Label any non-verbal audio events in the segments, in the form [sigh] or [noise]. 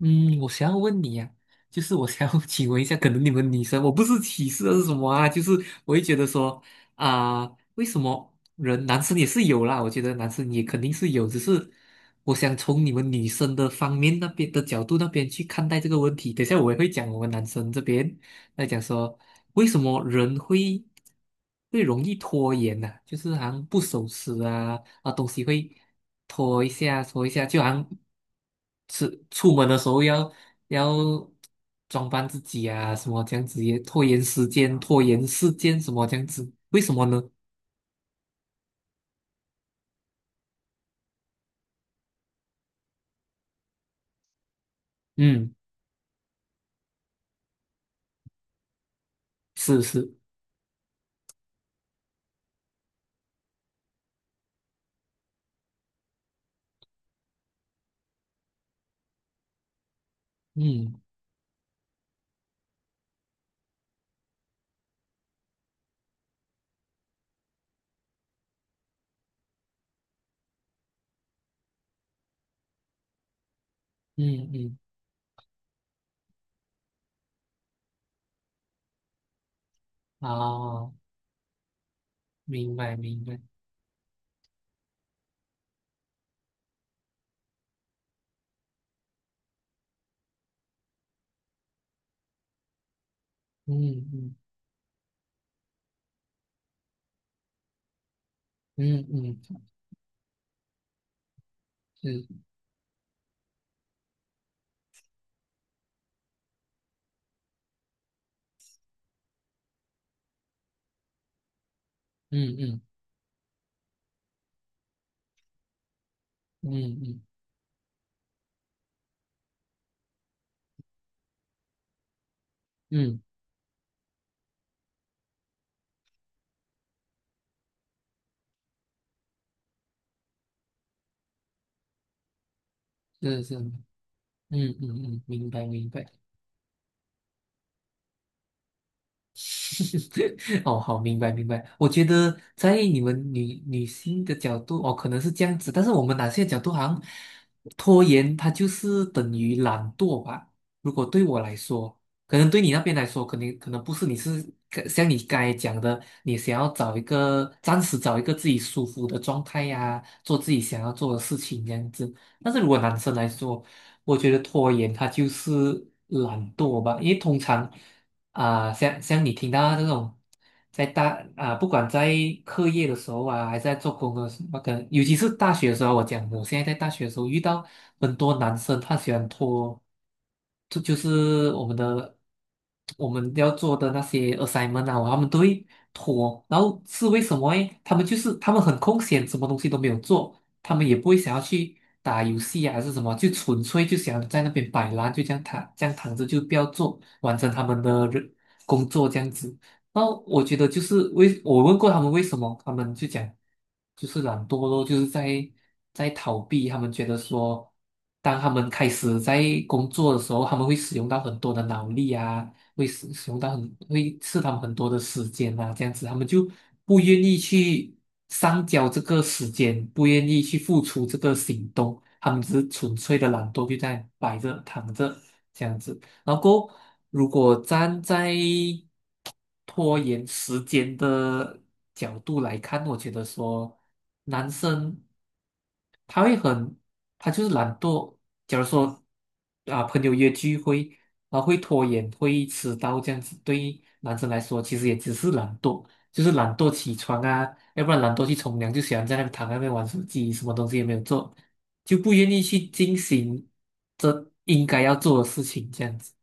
嗯，我想要问你呀，就是我想要 [laughs] 请问一下。可能你们女生，我不是歧视还是什么啊，就是我会觉得说啊，为什么人男生也是有啦，我觉得男生也肯定是有，只是我想从你们女生的方面那边的角度那边去看待这个问题。等一下我也会讲我们男生这边，在讲说为什么人会容易拖延呢，就是好像不守时啊，东西会拖一下拖一下，就好像是出门的时候要装扮自己啊，什么这样子也拖延时间，拖延时间什么这样子，为什么呢？嗯，是是，嗯嗯嗯，哦，明白明白，嗯嗯嗯嗯，是，嗯嗯嗯嗯嗯，是是。嗯嗯嗯，明白明白。[laughs] 哦，好，明白明白。我觉得在你们女性的角度，哦，可能是这样子，但是我们男性的角度好像拖延，它就是等于懒惰吧。如果对我来说，可能对你那边来说，可能不是，你是像你刚才讲的，你想要找一个暂时找一个自己舒服的状态呀，做自己想要做的事情这样子。但是如果男生来说，我觉得拖延它就是懒惰吧，因为通常。啊，像你听到这种，在大啊，不管在课业的时候啊，还是在做工的时候，那个，尤其是大学的时候，我讲我现在在大学的时候遇到很多男生，他喜欢拖，这就是我们要做的那些 assignment 啊，他们都会拖，然后是为什么诶？他们很空闲，什么东西都没有做，他们也不会想要去打游戏啊，还是什么，就纯粹就想在那边摆烂，就这样躺，这样躺着就不要做，完成他们的工作这样子。然后我觉得就是为我问过他们为什么，他们就讲就是懒惰咯，就是在逃避。他们觉得说，当他们开始在工作的时候，他们会使用到很多的脑力啊，会使使用到很会吃他们很多的时间啊，这样子他们就不愿意去上交这个时间，不愿意去付出这个行动，他们只是纯粹的懒惰，就在摆着躺着这样子。然后过后如果站在拖延时间的角度来看，我觉得说男生他会很，他就是懒惰。假如说啊，朋友约聚会啊，会拖延，会迟到这样子，对于男生来说，其实也只是懒惰，就是懒惰起床啊，要不然懒惰去冲凉，就喜欢在那边躺在那边玩手机，什么东西也没有做，就不愿意去进行这应该要做的事情，这样子。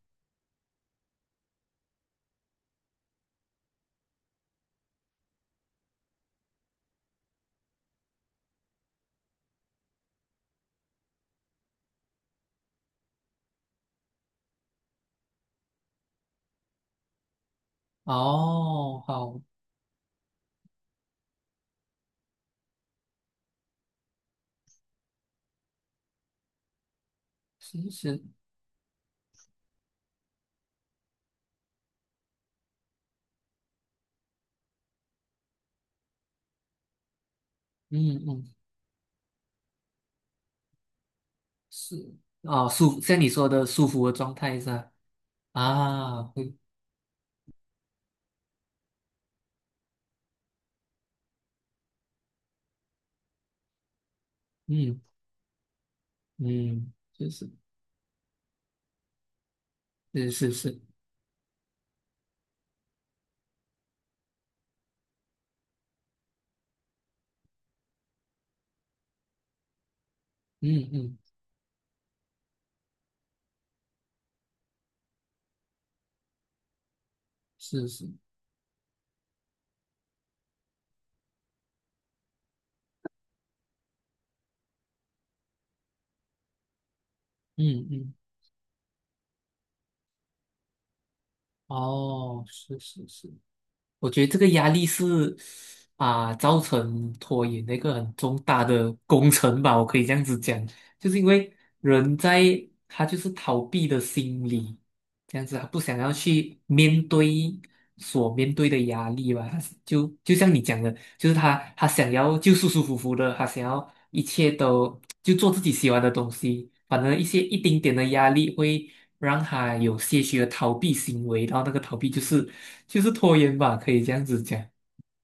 哦，好，是是，嗯嗯。是啊，像你说的舒服的状态是吧啊，会，嗯嗯，就是是是是，嗯嗯是是，嗯嗯，哦，是是是。我觉得这个压力是啊，造成拖延的一个很重大的工程吧，我可以这样子讲，就是因为人他就是逃避的心理，这样子他不想要去面对所面对的压力吧，他是就像你讲的，就是他想要就舒舒服服的，他想要一切都就做自己喜欢的东西，反正一丁点的压力会让他有些许的逃避行为，然后那个逃避就是拖延吧，可以这样子讲。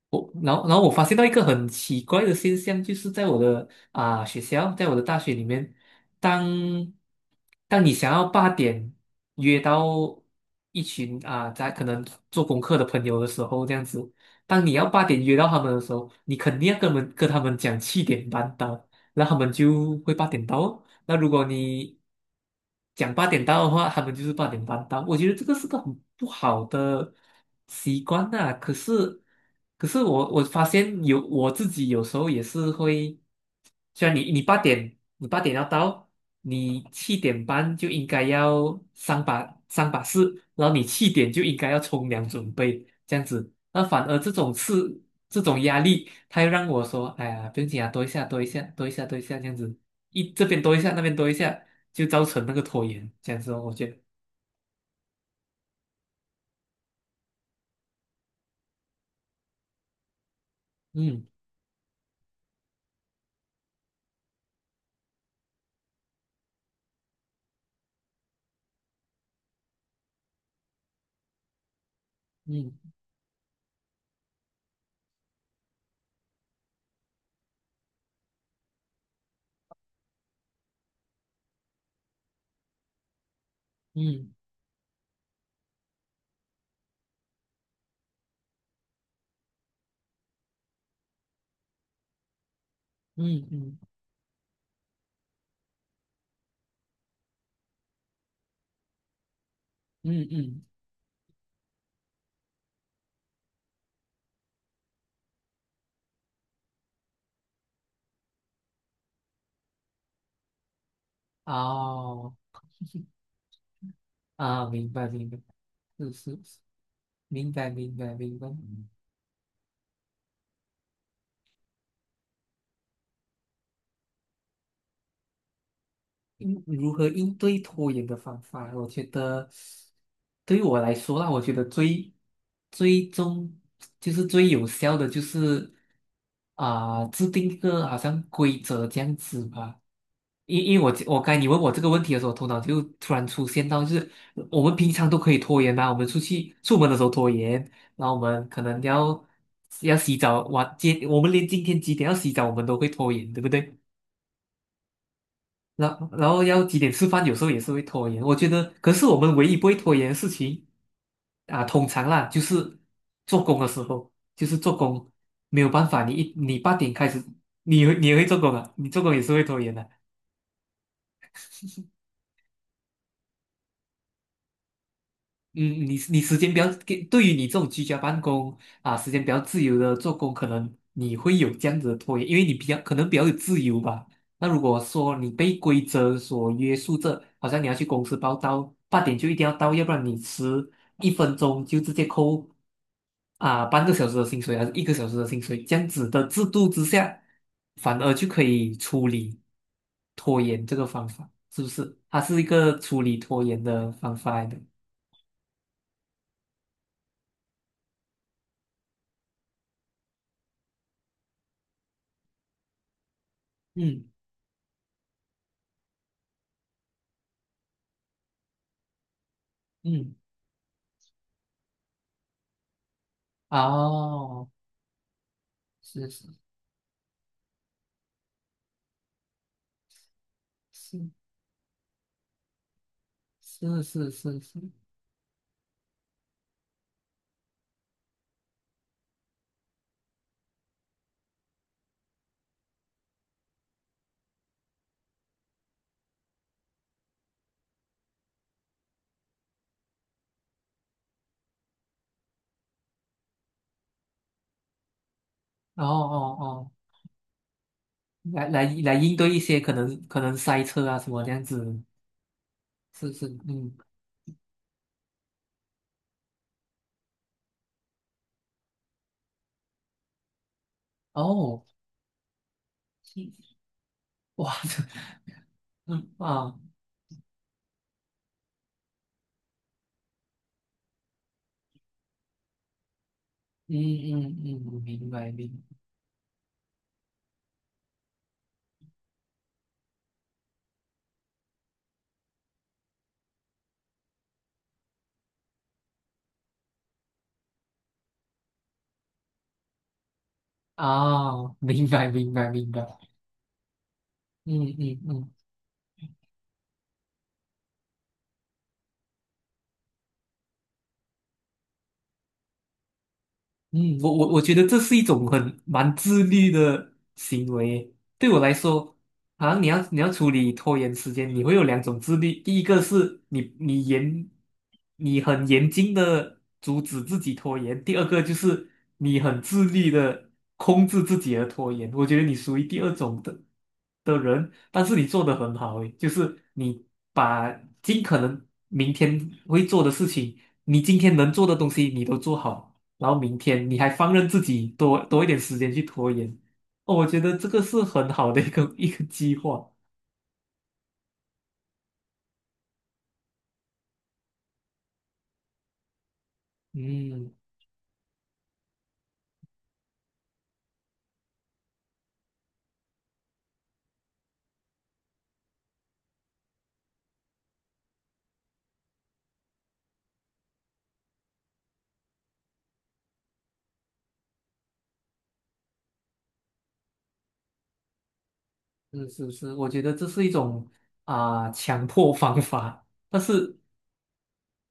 我然后我发现到一个很奇怪的现象，就是在我的学校，在我的大学里面，当当你想要八点约到一群啊，在可能做功课的朋友的时候，这样子，当你要八点约到他们的时候，你肯定要跟他们讲七点半到，然后他们就会八点到哦。那如果你讲八点到的话，他们就是8点半到。我觉得这个是个很不好的习惯呐，可是，可是我发现有我自己有时候也是会，虽然你八点要到，你七点半就应该要上把式，然后你七点就应该要冲凉准备这样子。那反而这种压力，他又让我说，哎呀，不用紧啊，多一下多一下多一下多一下这样子。这边多一下，那边多一下，就造成那个拖延，这样子哦，我觉得。嗯嗯嗯嗯嗯嗯嗯，哦啊，明白明白，是是是，明白明白明白。如何应对拖延的方法，我觉得对于我来说啦，我觉得最终就是最有效的就是啊，制定一个好像规则这样子吧。因为我该你问我这个问题的时候，头脑就突然出现到，就是我们平常都可以拖延嘛，我们出去出门的时候拖延，然后我们可能要洗澡，今我们连今天几点要洗澡我们都会拖延，对不对？然后要几点吃饭，有时候也是会拖延。我觉得，可是我们唯一不会拖延的事情啊，通常啦，就是做工的时候，就是做工没有办法，你八点开始，你也会做工啊，你做工也是会拖延的。嗯，你时间比较给，对于你这种居家办公啊，时间比较自由的做工，可能你会有这样子的拖延，因为你可能比较有自由吧。那如果说你被规则所约束着，好像你要去公司报到，八点就一定要到，要不然你迟1分钟就直接扣啊半个小时的薪水，还是1个小时的薪水，这样子的制度之下，反而就可以处理拖延这个方法，是不是？它是一个处理拖延的方法来的。嗯嗯。哦，是是是是是是是，哦哦哦。来应对一些可能塞车啊什么这样子，是是嗯，哦，哇，[laughs] 这嗯啊，嗯嗯嗯，嗯明白明啊，哦明白明白明白，嗯嗯嗯嗯。我觉得这是一种很蛮自律的行为。对我来说，好像你要处理拖延时间，你会有两种自律。第一个是你很严谨的阻止自己拖延；第二个就是你很自律的控制自己的拖延。我觉得你属于第二种的人，但是你做的很好诶，就是你把尽可能明天会做的事情，你今天能做的东西你都做好。然后明天你还放任自己多一点时间去拖延，哦，我觉得这个是很好的一个 [laughs] 一个计划。嗯，是是是，我觉得这是一种啊，强迫方法，但是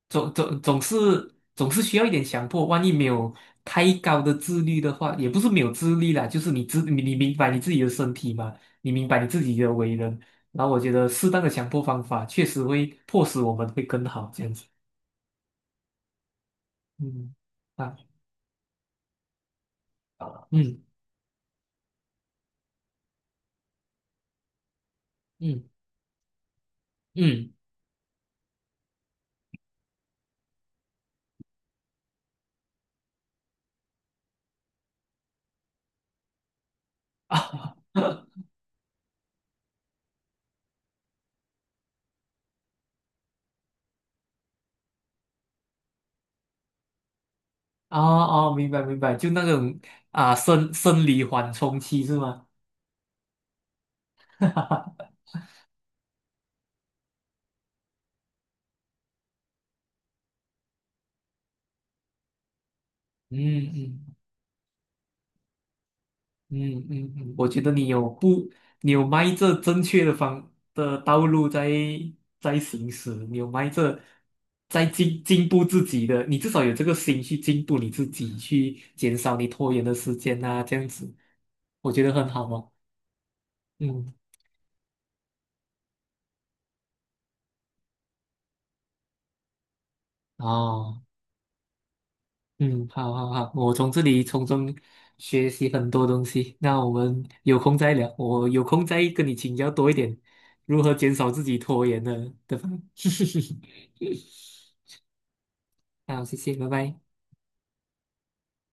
总是需要一点强迫，万一没有太高的自律的话，也不是没有自律啦，就是你明白你自己的身体嘛，你明白你自己的为人，然后我觉得适当的强迫方法确实会迫使我们会更好这样子。嗯啊嗯嗯。嗯啊 [laughs] 哦哦，明白明白，就那种啊生理缓冲期是吗？[laughs] 嗯嗯嗯嗯嗯，我觉得你有不，你有迈着正确的道路在行驶，你有迈着在进步自己的，你至少有这个心去进步你自己，去减少你拖延的时间呐，这样子，我觉得很好哦。嗯，哦。嗯，好好好，我从这里从中学习很多东西。那我们有空再聊，我有空再跟你请教多一点，如何减少自己拖延的方。[laughs] 好，谢谢，拜拜。